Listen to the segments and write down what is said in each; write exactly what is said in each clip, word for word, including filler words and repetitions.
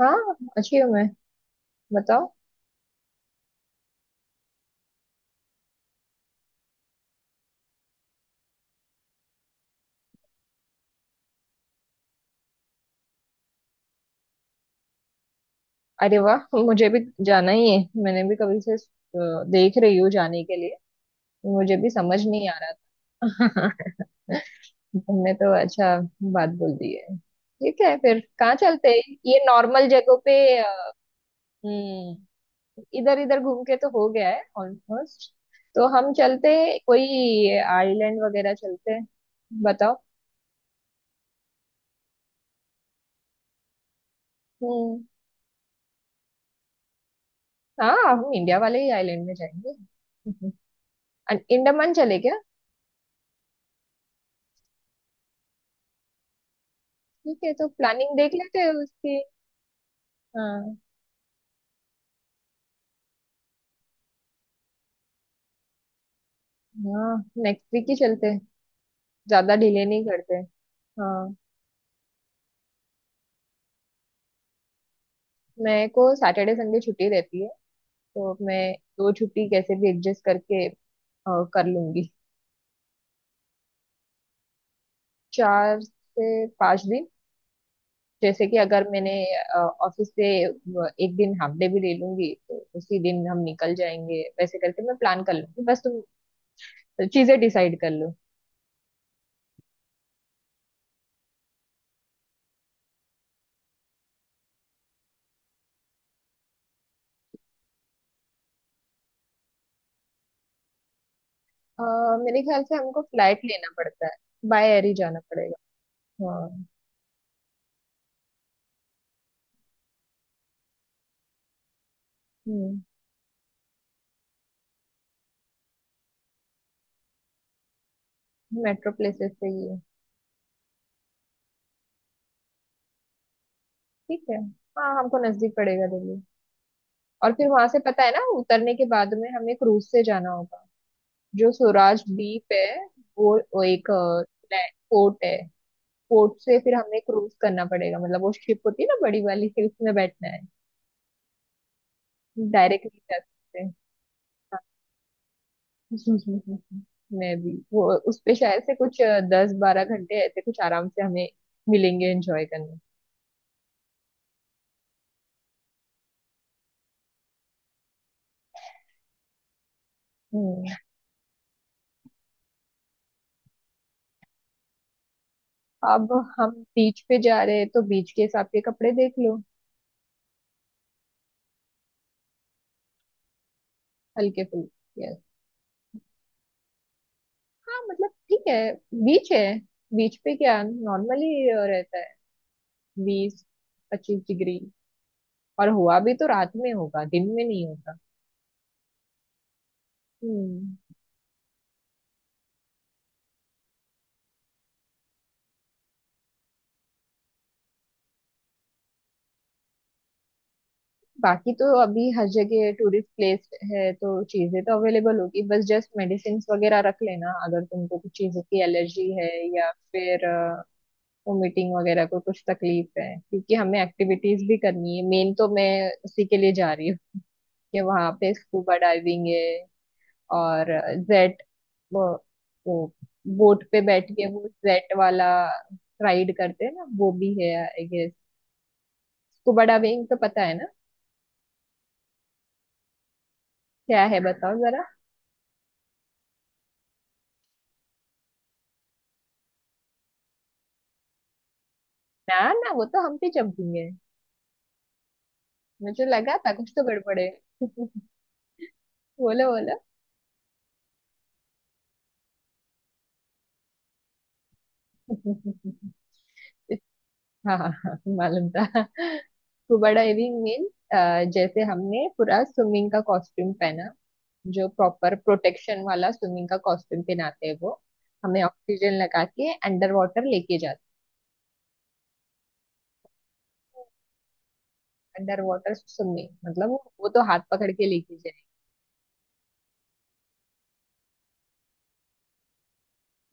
हाँ, अच्छी हूँ मैं। बताओ। अरे वाह, मुझे भी जाना ही है। मैंने भी कभी से अ, देख रही हूँ जाने के लिए। मुझे भी समझ नहीं आ रहा था। तुमने तो अच्छा बात बोल दी है। ठीक है, फिर कहाँ चलते हैं? ये नॉर्मल जगहों पे अ, हम्म, इधर इधर घूम के तो हो गया है ऑलमोस्ट। तो हम चलते हैं, कोई आइलैंड वगैरह चलते हैं, बताओ। हम्म। हाँ, हम इंडिया वाले ही आइलैंड में जाएंगे। अंडमान चले क्या? ठीक है, तो प्लानिंग देख लेते हैं उसकी। हाँ। हाँ, नेक्स्ट वीक ही चलते हैं, ज्यादा डिले नहीं करते। हाँ, मेरे को सैटरडे संडे छुट्टी रहती है, तो मैं दो छुट्टी कैसे भी एडजस्ट करके अ, कर लूंगी। चार से पांच दिन। जैसे कि अगर मैंने ऑफिस से व- एक दिन हाफ डे भी ले लूंगी तो उसी दिन हम निकल जाएंगे, वैसे करके मैं प्लान कर लूंगी, बस तुम चीजें डिसाइड कर लो। अ, मेरे ख्याल से हमको फ्लाइट लेना पड़ता है। बाय एयर ही जाना पड़ेगा। हाँ। हम्म। मेट्रो प्लेसेस पे ही है। ठीक है। हाँ, हमको नजदीक पड़ेगा दिल्ली। और फिर वहां से पता है ना, उतरने के बाद में हमें क्रूज से जाना होगा। जो स्वराज द्वीप है वो, वो एक पोर्ट है। पोर्ट से फिर हमें क्रूज करना पड़ेगा, मतलब वो शिप होती है ना बड़ी वाली, फिर उसमें बैठना है। डायरेक्ट नहीं जा सकते। हाँ। मैं भी वो उस पे शायद से कुछ दस बारह घंटे ऐसे कुछ आराम से हमें मिलेंगे एंजॉय करने। हम्म, अब हम बीच पे जा रहे हैं तो बीच के हिसाब के कपड़े देख लो। हल्के फुल्के yes। हाँ, मतलब ठीक है, बीच है। बीच पे क्या नॉर्मली रहता है, बीस पच्चीस डिग्री। और हुआ भी तो रात में होगा, दिन में नहीं होगा। हम्म। बाकी तो अभी हर जगह टूरिस्ट प्लेस है तो चीजें तो अवेलेबल होगी, बस जस्ट मेडिसिन वगैरह रख लेना अगर तुमको कुछ चीजों की एलर्जी है या फिर वोमिटिंग वगैरह को कुछ तकलीफ है। क्योंकि हमें एक्टिविटीज भी करनी है मेन, तो मैं उसी के लिए जा रही हूँ कि वहां पे स्कूबा डाइविंग है। और जेट वो, वो बोट पे बैठ के वो जेट वाला राइड करते हैं ना, वो भी है आई गेस। स्कूबा डाइविंग तो पता है ना, क्या है बताओ जरा। ना ना, वो तो हम पे जंपिंग है। मुझे लगा था कुछ तो गड़बड़ है। बोलो बोलो। हाँ हाँ हाँ, मालूम था स्कूबा डाइविंग मीन, जैसे हमने पूरा स्विमिंग का कॉस्ट्यूम पहना। जो प्रॉपर प्रोटेक्शन वाला स्विमिंग का कॉस्ट्यूम पहनाते हैं वो हमें ऑक्सीजन लगा के अंडर वाटर लेके जाते। अंडर वाटर स्विमिंग मतलब वो वो तो हाथ पकड़ के लेके जाए।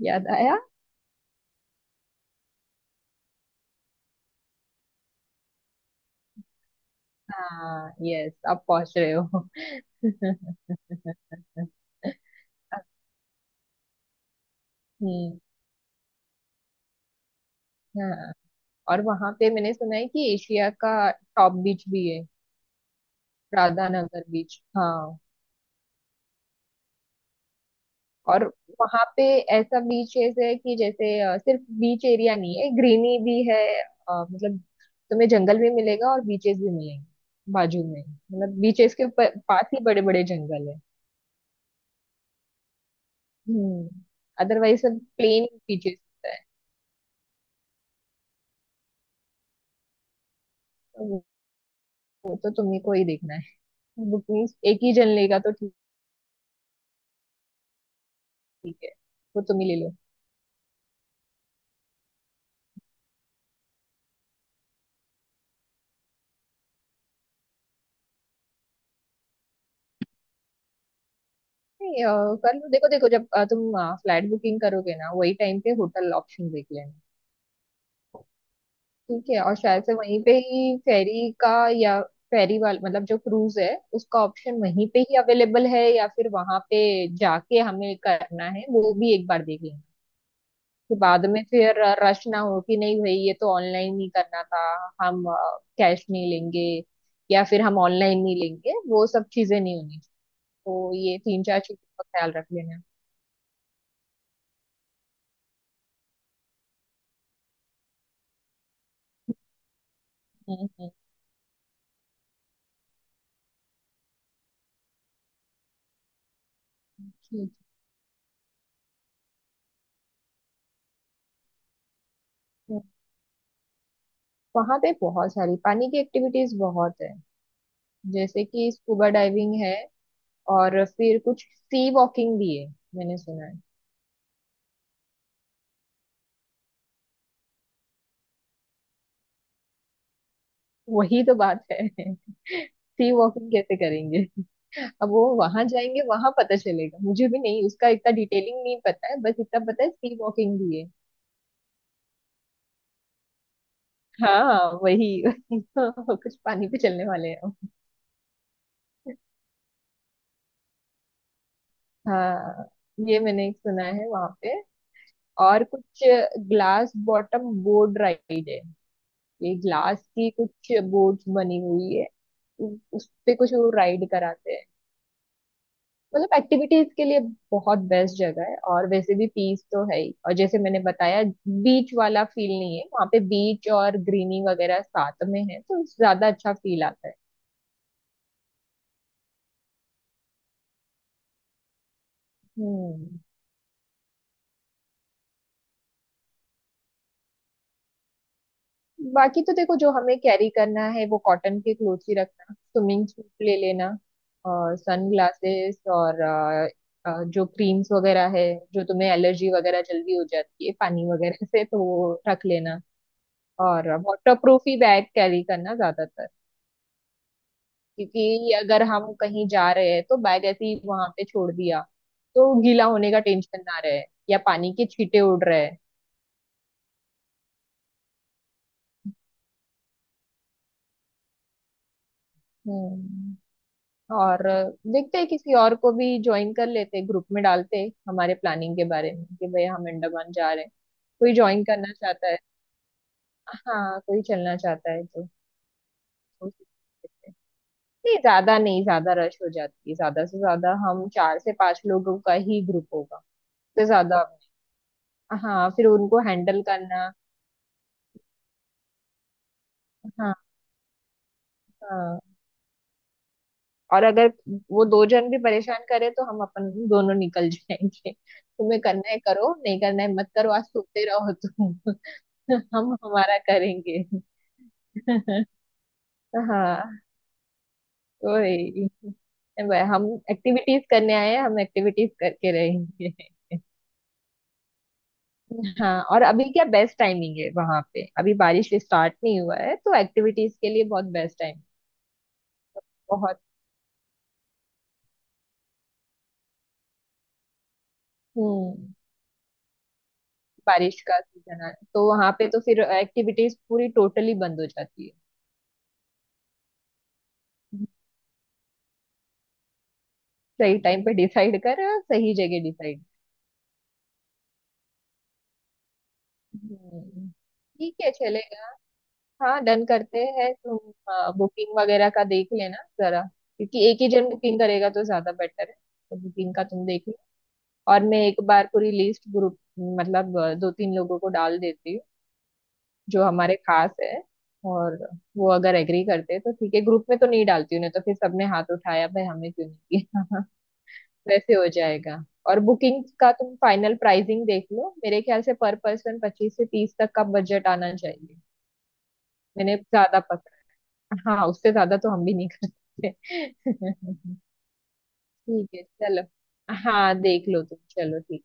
याद आया। हाँ यस, आप पहुंच रहे हो। हम्म। हाँ, और वहां पे मैंने सुना है कि एशिया का टॉप बीच भी है, राधानगर बीच, हाँ। और वहां पे ऐसा बीचेस है कि जैसे अ, सिर्फ बीच एरिया नहीं है, ग्रीनरी भी है। अ, मतलब तुम्हें जंगल भी मिलेगा और बीचेस भी मिलेंगे, बाजू में, मतलब बीचेस के ऊपर पास ही बड़े बड़े जंगल है। हम्म, अदरवाइज सब प्लेन बीचेस होता है। तो वो वो तो तुम्हें को ही देखना है, बुकिंग एक ही जन लेगा तो ठीक। ठीक है, वो तुम ही ले लो। नहीं, अ, कर लो, देखो देखो, जब अ, तुम फ्लैट बुकिंग करोगे ना वही टाइम पे होटल ऑप्शन देख लेना। ठीक है। और शायद से वहीं पे ही फेरी का, या फेरी वाल, मतलब जो क्रूज है, उसका ऑप्शन वहीं पे ही अवेलेबल है या फिर वहां पे जाके हमें करना है, वो भी एक बार देख लेंगे कि बाद में फिर रश ना हो, कि नहीं भाई, ये तो ऑनलाइन ही करना था, हम कैश नहीं लेंगे, या फिर हम ऑनलाइन नहीं लेंगे, वो सब चीजें नहीं होनी चाहिए। तो ये तीन चार चीजों का ख्याल रख लेना। हम्म हम्म। ठीक है, वहां पे बहुत सारी पानी की एक्टिविटीज बहुत है। जैसे कि स्कूबा डाइविंग है, और फिर कुछ सी वॉकिंग भी है, मैंने सुना है। वही तो बात है। सी वॉकिंग कैसे करेंगे? अब वो वहां जाएंगे वहां पता चलेगा, मुझे भी नहीं उसका इतना डिटेलिंग नहीं पता है, बस इतना पता है सी वॉकिंग भी है। हाँ वही वही। कुछ पानी पे चलने वाले हैं। हाँ, ये मैंने एक सुना है वहां पे। और कुछ ग्लास बॉटम बोर्ड राइड है। ये ग्लास की कुछ बोर्ड्स बनी हुई है, उ- उस पे कुछ वो राइड कराते हैं। मतलब एक्टिविटीज के लिए बहुत बेस्ट जगह है, और वैसे भी पीस तो है ही। और जैसे मैंने बताया, बीच वाला फील नहीं है वहाँ पे, बीच और ग्रीनी वगैरह साथ में है तो ज्यादा अच्छा फील आता है। हम्म। बाकी तो देखो जो हमें कैरी करना है, वो कॉटन के क्लोथ्स ही रखना, स्विमिंग सूट ले लेना, और सन ग्लासेस, और अ, अ, जो क्रीम्स वगैरह है, जो तुम्हें एलर्जी वगैरह जल्दी हो जाती है पानी वगैरह से, तो वो रख लेना। और वाटर प्रूफ ही बैग कैरी करना ज्यादातर, क्योंकि अगर हम कहीं जा रहे हैं तो बैग ऐसे ही वहां पे छोड़ दिया, तो गीला होने का टेंशन ना रहे या पानी के छींटे उड़ रहे हैं। हम्म। और देखते हैं किसी और को भी ज्वाइन कर लेते हैं, ग्रुप में डालते हैं हमारे प्लानिंग के बारे में कि भाई हम अंडमान जा रहे हैं, कोई ज्वाइन करना चाहता है। हाँ, कोई चलना चाहता है तो हो सकता है। नहीं, ज्यादा नहीं, ज्यादा रश हो जाती है, ज्यादा से ज्यादा हम चार से पांच लोगों का ही ग्रुप होगा, उससे ज्यादा हाँ फिर उनको हैंडल करना। हाँ, हाँ। और अगर वो दो जन भी परेशान करे तो हम अपन दोनों निकल जाएंगे, तुम्हें करना है करो, नहीं करना है मत करो, आज सोते रहो तुम। हम हमारा करेंगे। हाँ, तो यही। भाई, हम एक्टिविटीज करने आए हैं, हम एक्टिविटीज करके रहेंगे। हाँ, और अभी क्या बेस्ट टाइमिंग है वहां पे, अभी बारिश स्टार्ट नहीं हुआ है तो एक्टिविटीज के लिए बहुत बेस्ट टाइम। बहुत हम्म। बारिश का सीजन आना तो वहां पे तो फिर एक्टिविटीज पूरी टोटली बंद हो जाती है। सही टाइम पे डिसाइड कर, सही जगह डिसाइड। हम्म, ठीक है चलेगा। हाँ डन करते हैं, तुम बुकिंग वगैरह का देख लेना जरा, क्योंकि एक ही जन बुकिंग करेगा तो ज्यादा बेटर है, तो बुकिंग का तुम देख लो। और मैं एक बार पूरी लिस्ट ग्रुप, मतलब अ, दो तीन लोगों को डाल देती हूँ जो हमारे खास है। और वो अगर एग्री करते हैं तो ठीक है, ग्रुप में तो नहीं डालती उन्हें तो फिर सबने हाथ उठाया, भाई हमें क्यों नहीं किया। वैसे हो जाएगा। और बुकिंग का तुम फाइनल प्राइसिंग देख लो, मेरे ख्याल से पर पर्सन पच्चीस से तीस तक का बजट आना चाहिए। मैंने ज्यादा पकड़ा? हाँ, उससे ज्यादा तो हम भी नहीं करते। ठीक है चलो। हाँ, देख लो तुम, चलो ठीक।